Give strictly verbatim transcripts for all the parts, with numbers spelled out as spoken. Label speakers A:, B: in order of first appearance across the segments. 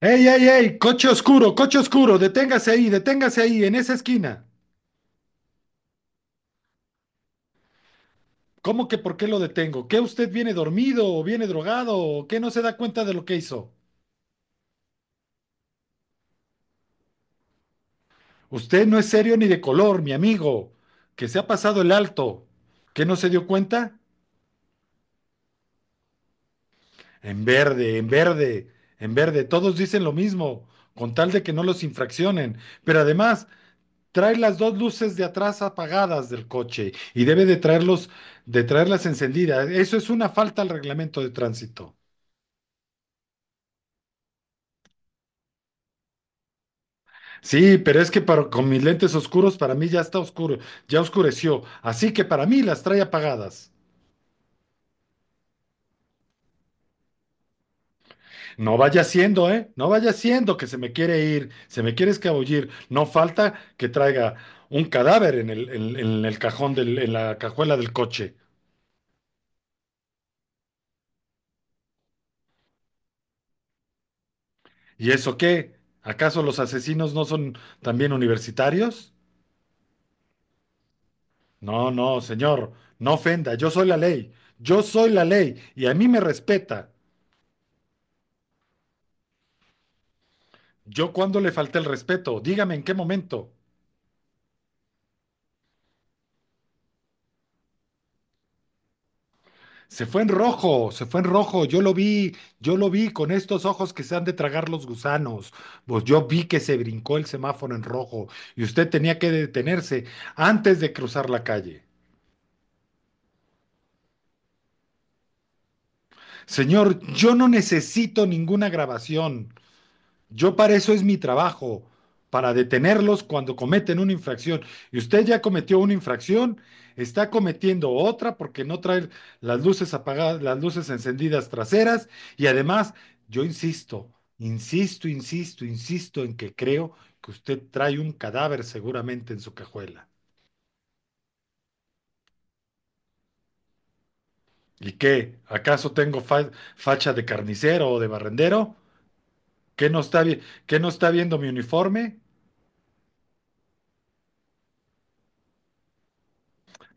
A: ¡Ey, ey, ey! Coche oscuro, coche oscuro, deténgase ahí, deténgase ahí, en esa esquina. ¿Cómo que por qué lo detengo? ¿Qué usted viene dormido o viene drogado o qué no se da cuenta de lo que hizo? Usted no es serio ni de color, mi amigo, que se ha pasado el alto. ¿Qué no se dio cuenta? En verde, en verde, en verde, todos dicen lo mismo, con tal de que no los infraccionen. Pero además, trae las dos luces de atrás apagadas del coche y debe de traerlos, de traerlas encendidas. Eso es una falta al reglamento de tránsito. Sí, pero es que para- con mis lentes oscuros para mí ya está oscuro, ya oscureció, así que para mí las trae apagadas. No vaya siendo, ¿eh? No vaya siendo que se me quiere ir, se me quiere escabullir. No falta que traiga un cadáver en el, en- en el cajón del, en la cajuela del coche. ¿Y eso qué? ¿Acaso los asesinos no son también universitarios? No, no, señor, no ofenda, yo soy la ley, yo soy la ley y a mí me respeta. ¿Yo cuándo le falté el respeto? Dígame en qué momento. Se fue en rojo, se fue en rojo, yo lo vi, yo lo vi con estos ojos que se han de tragar los gusanos. Pues yo vi que se brincó el semáforo en rojo y usted tenía que detenerse antes de cruzar la calle. Señor, yo no necesito ninguna grabación. Yo para eso es mi trabajo, para detenerlos cuando cometen una infracción. Y usted ya cometió una infracción, está cometiendo otra porque no trae las luces apagadas, las luces encendidas traseras. Y además, yo insisto, insisto, insisto, insisto en que creo que usted trae un cadáver seguramente en su cajuela. ¿Y qué? ¿Acaso tengo fa- facha de carnicero o de barrendero? ¿Qué no está vi- qué no está viendo mi uniforme?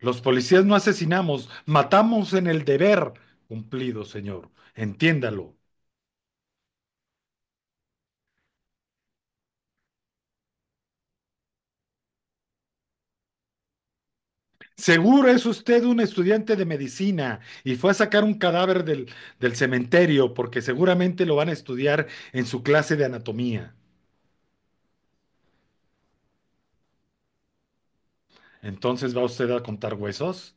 A: Los policías no asesinamos, matamos en el deber cumplido, señor. Entiéndalo. Seguro es usted un estudiante de medicina y fue a sacar un cadáver del, del cementerio porque seguramente lo van a estudiar en su clase de anatomía. Entonces, ¿va usted a contar huesos?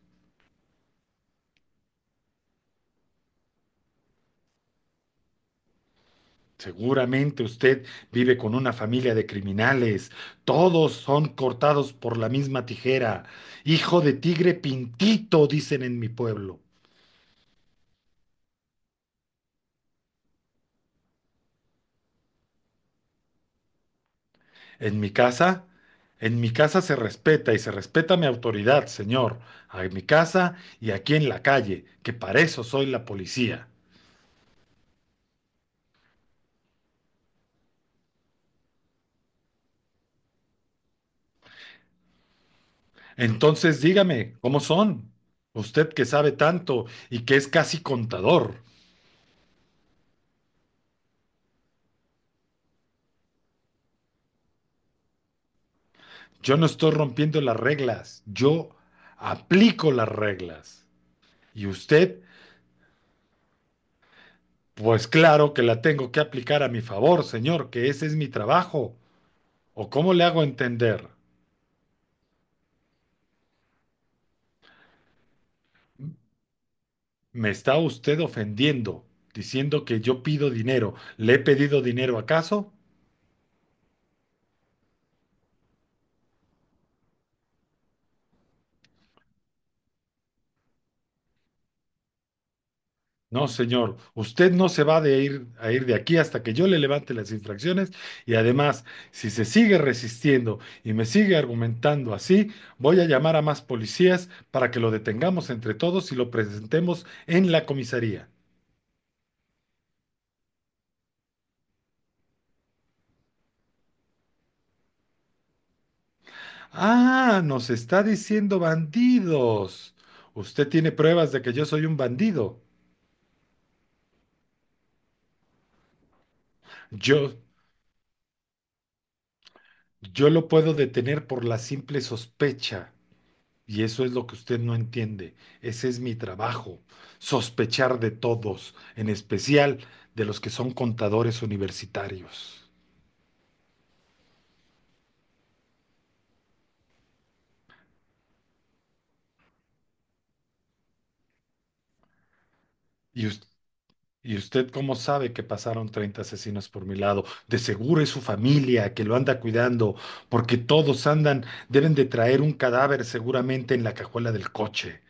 A: Seguramente usted vive con una familia de criminales. Todos son cortados por la misma tijera. Hijo de tigre pintito, dicen en mi pueblo. En mi casa, en mi casa se respeta y se respeta mi autoridad, señor, en mi casa y aquí en la calle, que para eso soy la policía. Entonces dígame, ¿cómo son? Usted que sabe tanto y que es casi contador. Yo no estoy rompiendo las reglas, yo aplico las reglas. Y usted, pues claro que la tengo que aplicar a mi favor, señor, que ese es mi trabajo. ¿O cómo le hago entender? Me está usted ofendiendo, diciendo que yo pido dinero. ¿Le he pedido dinero acaso? No, señor. Usted no se va de ir, a ir de aquí hasta que yo le levante las infracciones. Y además, si se sigue resistiendo y me sigue argumentando así, voy a llamar a más policías para que lo detengamos entre todos y lo presentemos en la comisaría. Ah, nos está diciendo bandidos. Usted tiene pruebas de que yo soy un bandido. Yo, Yo lo puedo detener por la simple sospecha, y eso es lo que usted no entiende. Ese es mi trabajo, sospechar de todos, en especial de los que son contadores universitarios. ¿Y, us- y usted cómo sabe que pasaron treinta asesinos por mi lado? De seguro es su familia que lo anda cuidando, porque todos andan, deben de traer un cadáver seguramente en la cajuela del coche.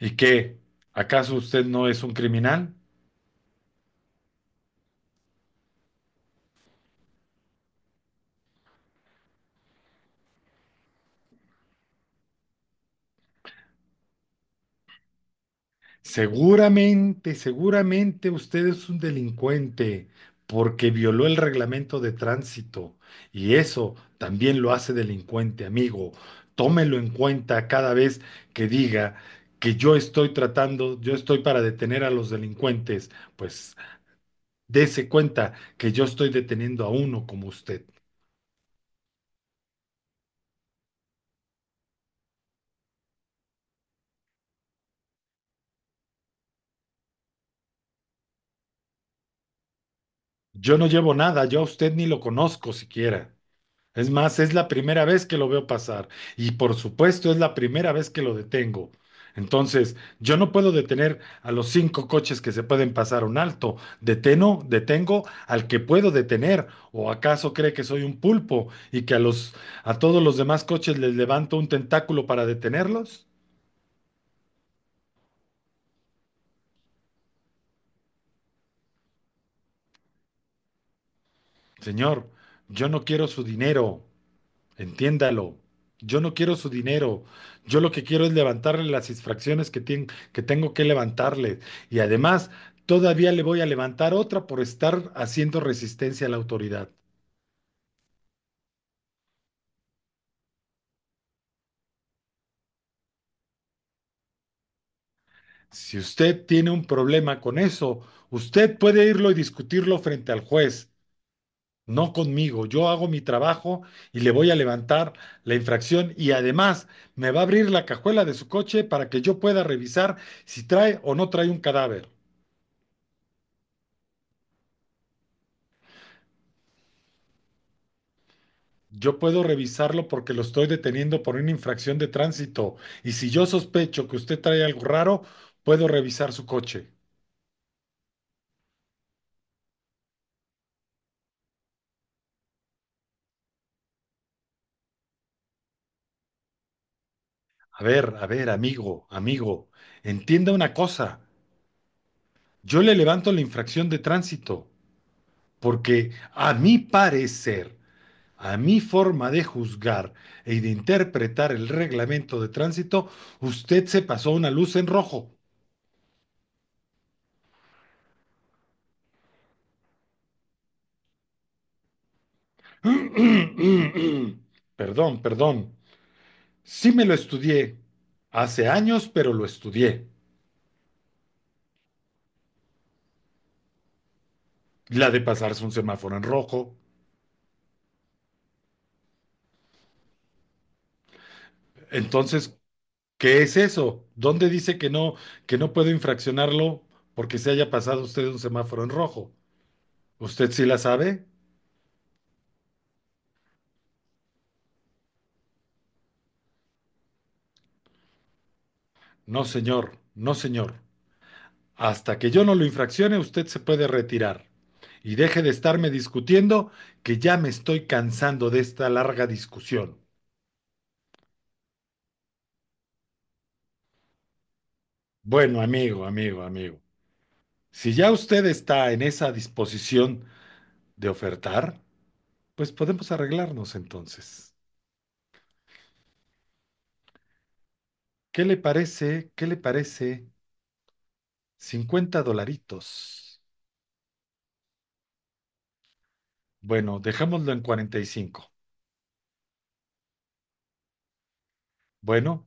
A: ¿Y qué? ¿Acaso usted no es un criminal? Seguramente, seguramente usted es un delincuente porque violó el reglamento de tránsito y eso también lo hace delincuente, amigo. Tómelo en cuenta cada vez que diga que yo estoy tratando, yo estoy para detener a los delincuentes, pues dese cuenta que yo estoy deteniendo a uno como usted. Yo no llevo nada, yo a usted ni lo conozco siquiera. Es más, es la primera vez que lo veo pasar y por supuesto es la primera vez que lo detengo. Entonces, yo no puedo detener a los cinco coches que se pueden pasar un alto. Deteno, detengo al que puedo detener. ¿O acaso cree que soy un pulpo y que a los a todos los demás coches les levanto un tentáculo para detenerlos? Señor, yo no quiero su dinero. Entiéndalo. Yo no quiero su dinero. Yo lo que quiero es levantarle las infracciones que, tien- que tengo que levantarle. Y además, todavía le voy a levantar otra por estar haciendo resistencia a la autoridad. Si usted tiene un problema con eso, usted puede irlo y discutirlo frente al juez, no conmigo. Yo hago mi trabajo y le voy a levantar la infracción y además me va a abrir la cajuela de su coche para que yo pueda revisar si trae o no trae un cadáver. Yo puedo revisarlo porque lo estoy deteniendo por una infracción de tránsito. Y si yo sospecho que usted trae algo raro, puedo revisar su coche. A ver, a ver, amigo, amigo, entienda una cosa. Yo le levanto la infracción de tránsito porque a mi parecer, a mi forma de juzgar e de interpretar el reglamento de tránsito, usted se pasó una luz en rojo. Perdón, perdón. Sí me lo estudié hace años, pero lo estudié. La de pasarse un semáforo en rojo. Entonces, ¿qué es eso? ¿Dónde dice que no, que no puedo infraccionarlo porque se haya pasado usted un semáforo en rojo? ¿Usted sí la sabe? No, señor, no, señor. Hasta que yo no lo infraccione, usted se puede retirar. Y deje de estarme discutiendo, que ya me estoy cansando de esta larga discusión. Bueno, amigo, amigo, amigo. Si ya usted está en esa disposición de ofertar, pues podemos arreglarnos entonces. ¿Qué le parece? ¿Qué le parece? Cincuenta dolaritos. Bueno, dejémoslo en cuarenta y cinco. Bueno,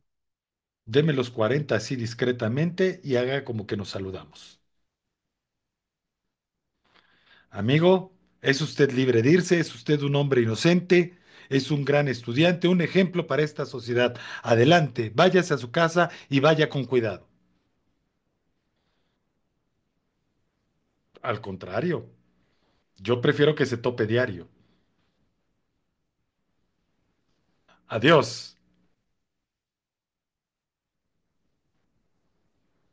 A: deme los cuarenta así discretamente y haga como que nos saludamos. Amigo, es usted libre de irse, es usted un hombre inocente, es un gran estudiante, un ejemplo para esta sociedad. Adelante, váyase a su casa y vaya con cuidado. Al contrario, yo prefiero que se tope diario. Adiós.